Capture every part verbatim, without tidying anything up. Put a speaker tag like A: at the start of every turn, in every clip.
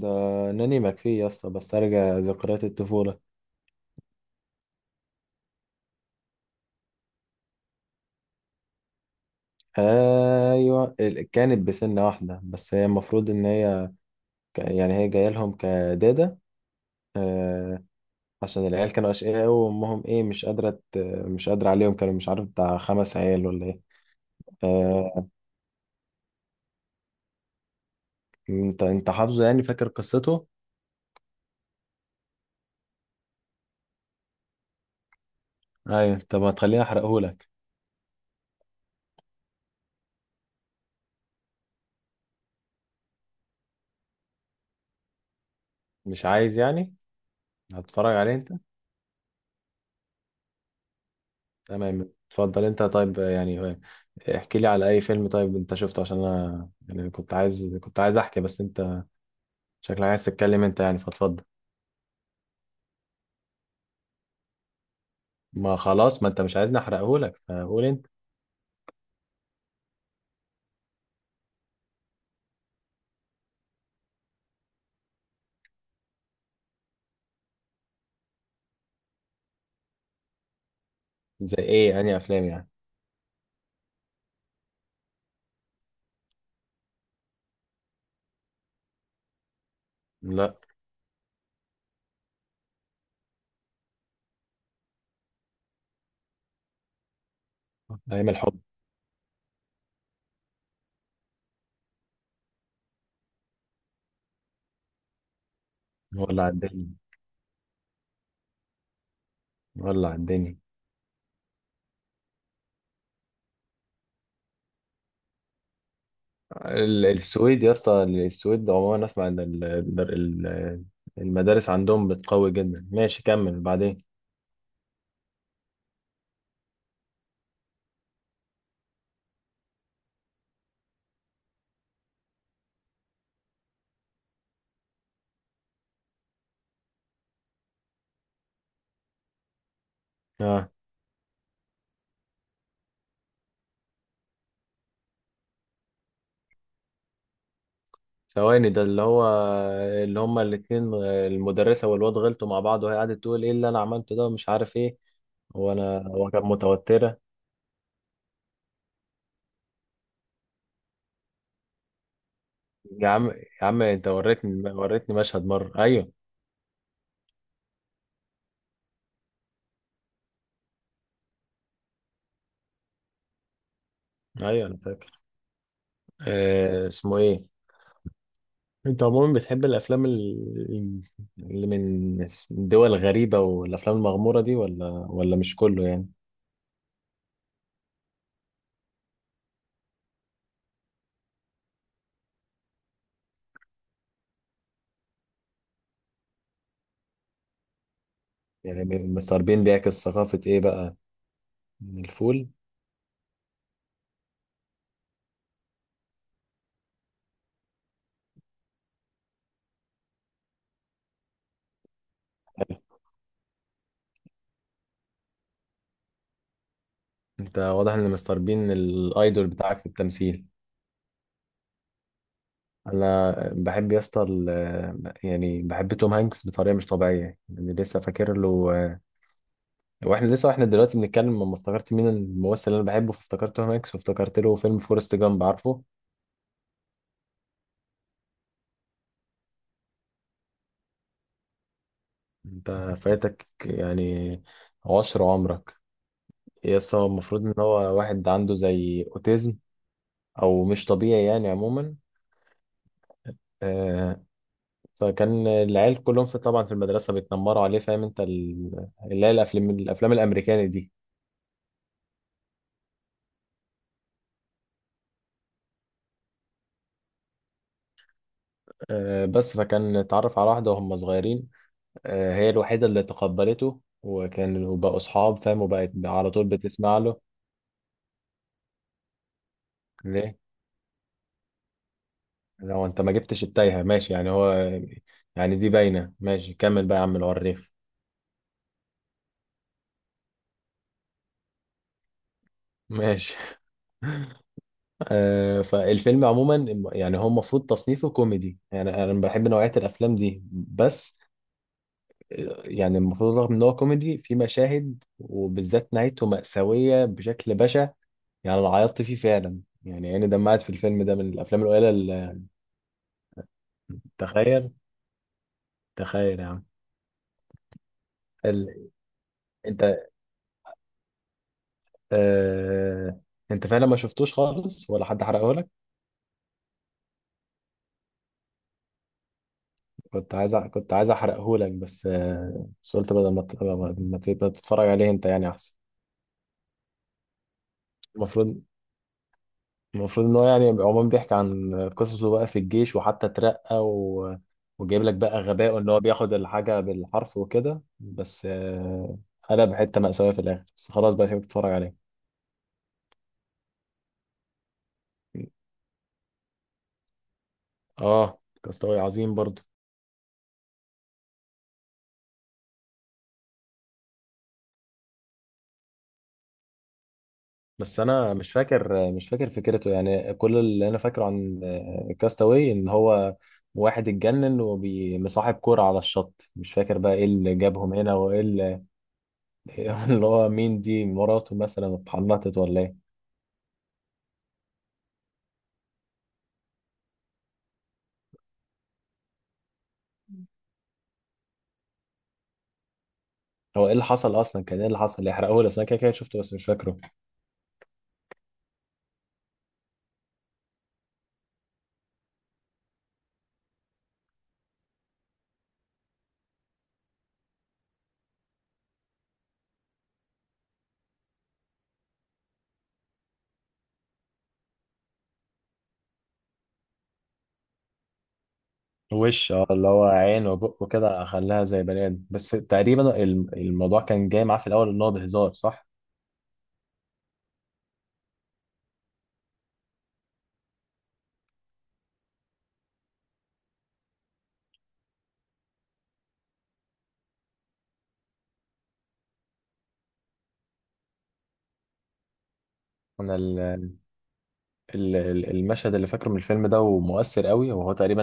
A: ده ناني مكفي يا اسطى، بسترجع ذكريات الطفولة. ايوه، ال- كانت بسن واحدة، بس هي المفروض ان هي ك- يعني هي جاية لهم كدادة. آه، عشان العيال كانوا اشقياء أوي، وامهم ايه مش قادرة ت- مش قادرة عليهم، كانوا مش عارف بتاع خمس عيال ولا ايه. آه، انت انت حافظه يعني فاكر قصته؟ ايوه، طب ما تخليني احرقهولك. مش عايز يعني. هتتفرج عليه انت؟ تمام، اتفضل انت طيب يعني، احكي لي على اي فيلم طيب انت شفته، عشان انا يعني كنت عايز كنت عايز احكي، بس انت شكلك عايز تتكلم انت يعني، فاتفضل. ما خلاص، ما انت مش عايزني احرقه لك، فقول انت. زي ايه؟ انهي افلام يعني؟ لا. ايام الحب. ولا على الدنيا. ولا على الدنيا. ال- السويد يا اسطى، السويد عموما اسمع ان ال- ال- المدارس عندهم بتقوي جدا. ماشي، كمل بعدين. آه. ثواني، ده اللي هو، اللي هما الاتنين المدرسة والواد غلطوا مع بعض، وهي قعدت تقول ايه اللي انا عملته ده، ومش عارف ايه، وانا هو كانت متوترة. يا عم يا عم، انت وريتني وريتني مشهد مرة، ايوه. ايوه انا فاكر. آه اسمه ايه؟ انت عموما بتحب الافلام، ال- اللي من دول غريبة، والافلام المغمورة دي، ولا ولا مش كله يعني؟ يعني مستر بين بيعكس ثقافة ايه بقى؟ الفول. انت واضح ان مستر بين الايدول بتاعك في التمثيل. انا بحب يا اسطى، ال- يعني بحب توم هانكس بطريقه مش طبيعيه. يعني لسه فاكر له، واحنا لسه واحنا دلوقتي بنتكلم، لما افتكرت مين الممثل اللي انا بحبه، فافتكرت توم هانكس، وافتكرت له فيلم فورست جامب، عارفه؟ انت فايتك يعني عشر عمرك. يا اسطى، هو المفروض ان هو واحد عنده زي اوتيزم، او مش طبيعي يعني عموما. آه، فكان العيال كلهم، في طبعا في المدرسه، بيتنمروا عليه، فاهم انت ال- اللي هي الافلام الافلام الامريكاني دي. آه، بس فكان اتعرف على واحدة وهم صغيرين. آه، هي الوحيدة اللي تقبلته، وكان وبقوا أصحاب فاهم، وبقت على طول بتسمع له. ليه؟ لو أنت ما جبتش التايهة ماشي، يعني هو يعني دي باينة. ماشي كمل بقى يا عم العريف. ماشي. آه، فالفيلم عموما، يعني هو المفروض تصنيفه كوميدي، يعني أنا بحب نوعية الأفلام دي، بس آه، يعني المفروض، رغم إن هو كوميدي في مشاهد، وبالذات نهايته مأساوية بشكل بشع. يعني انا عيطت فيه فعلا، يعني عيني دمعت في الفيلم ده، من الافلام القليله اللي. تخيل، تخيل يا عم. ال... انت آه... انت فعلا ما شفتوش خالص، ولا حد حرقه لك؟ كنت عايز أ- كنت عايز احرقه لك، بس آه... بس قلت بدل ما ت- ما ت- ما تتفرج عليه انت يعني احسن. المفروض المفروض ان هو يعني عموما بيحكي عن قصصه بقى في الجيش، وحتى اترقى، و... وجايب لك بقى غبائه ان هو بياخد الحاجه بالحرف وكده، بس آه... قلب حته مأساوية في الاخر. بس خلاص بقى، سيبك تتفرج عليه. اه، كاستاوي عظيم برضو. بس انا مش فاكر مش فاكر فكرته، يعني كل اللي انا فاكره عن آه، كاستاوي، ان هو واحد اتجنن ومصاحب كورة على الشط، مش فاكر بقى ايه اللي جابهم هنا وايه اللي اللي هو مين دي، مراته مثلا اتحنطت ولا ايه؟ هو ايه اللي حصل اصلا، كان ايه اللي حصل؟ يحرقه لي، اصل انا كده كده شفته بس مش فاكره. وش، اه اللي هو عين وبق وكده، خلاها زي بني ادم. بس تقريبا الم- الموضوع كان جاي معاه في الاول ان هو بهزار، صح؟ انا ال- ال- المشهد اللي فاكره من الفيلم ده، ومؤثر قوي، وهو تقريبا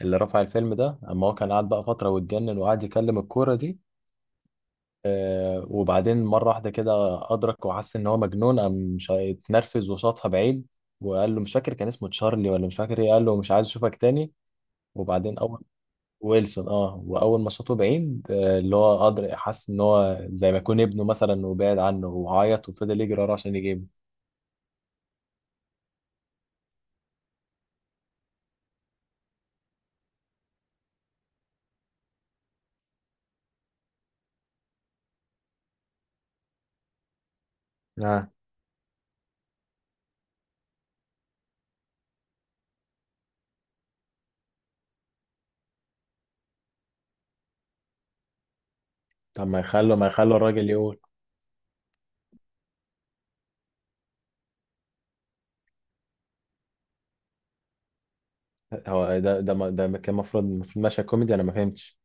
A: اللي رفع الفيلم ده، اما هو كان قاعد بقى فترة واتجنن، وقعد يكلم الكورة دي. آه، وبعدين مرة واحدة كده أدرك وحس إن هو مجنون، قام شا- اتنرفز وشاطها بعيد. وقال له، مش فاكر كان اسمه تشارلي ولا مش فاكر إيه، قال له مش عايز أشوفك تاني. وبعدين أول. ويلسون، أه، وأول ما شاطه بعيد، آه، اللي هو أدرك، حس إن هو زي ما يكون ابنه مثلا، وبعد عنه، وعيط وفضل يجري وراه عشان يجيبه. آه. طب ما يخلوا ما يخلوا الراجل يقول. هو ده، ده ما- ده كان المفروض المفروض ماشي كوميدي، انا ما فهمتش.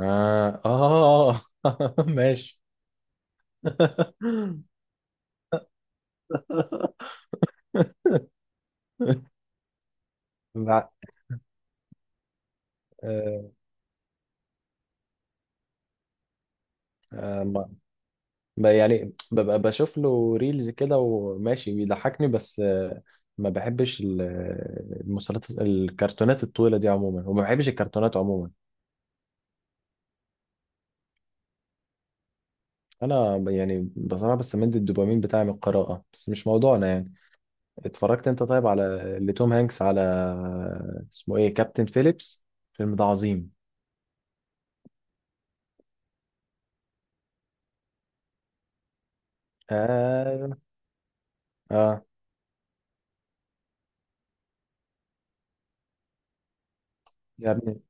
A: اه اه، ماشي. بع- آه، آه، ما- ب- يعني ببقى بشوف له ريلز كده وماشي بيضحكني، بس آه، ما بحبش ال- المسلسلات الكرتونات الطويلة دي عموما، وما بحبش الكرتونات عموما. انا ب- يعني بصراحة بستمد الدوبامين بتاعي من القراءة، بس مش موضوعنا يعني. اتفرجت انت طيب على لتوم هانكس، على اسمه ايه، كابتن فيليبس. الفيلم ده عظيم. اه، اه. يا ابني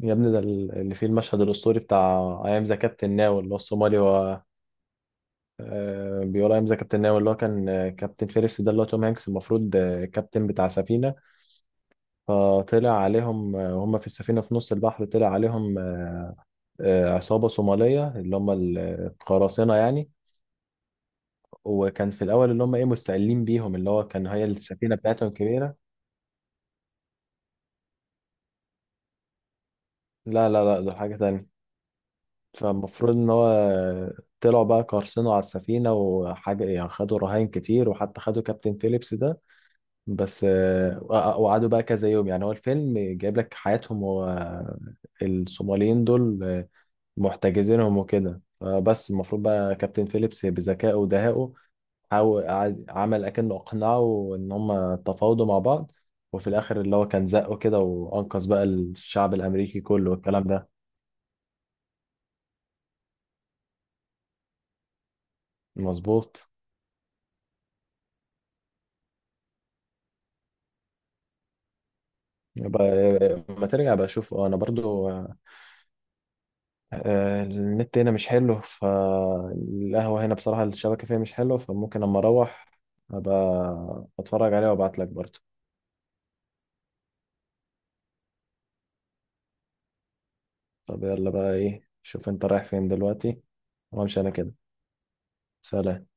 A: يا ابني، ده اللي فيه المشهد الاسطوري بتاع ايام ذا كابتن ناو، اللي هو الصومالي، هو آه بيقول ايام ذا كابتن ناو. اللي هو كان آه، كابتن فيليبس ده، اللي هو توم هانكس، المفروض آه، كابتن بتاع سفينه، فطلع عليهم آه، وهم في السفينه في نص البحر، طلع عليهم آه، آه، عصابه صوماليه، اللي هم ال- القراصنه يعني. وكان في الاول اللي هم ايه مستقلين بيهم، اللي هو كان هي السفينه بتاعتهم كبيره. لا لا لا، ده حاجة تانية. فالمفروض إن هو طلعوا بقى، قرصنوا على السفينة وحاجة، يعني خدوا رهائن كتير، وحتى خدوا كابتن فيليبس ده، بس آه، وق- وقعدوا بقى كذا يوم، يعني هو الفيلم جايب لك حياتهم، هو الصوماليين دول آه، محتجزينهم وكده. فبس المفروض بقى كابتن فيليبس بذكائه ودهائه حاول قعد- عمل أكنه أقنعه إن هم تفاوضوا مع بعض، وفي الآخر اللي هو كان زقه كده، وأنقذ بقى الشعب الأمريكي كله والكلام ده. مظبوط. يبقى ما ترجع بقى اشوف انا برضو. آه، آه، النت هنا مش حلو، فالقهوة هنا بصراحة الشبكة فيها مش حلوة، فممكن اما اروح ابقى اتفرج عليها وابعت لك برضو. طب يلا بقى، ايه، شوف انت رايح فين دلوقتي، وامشي انا كده. سلام.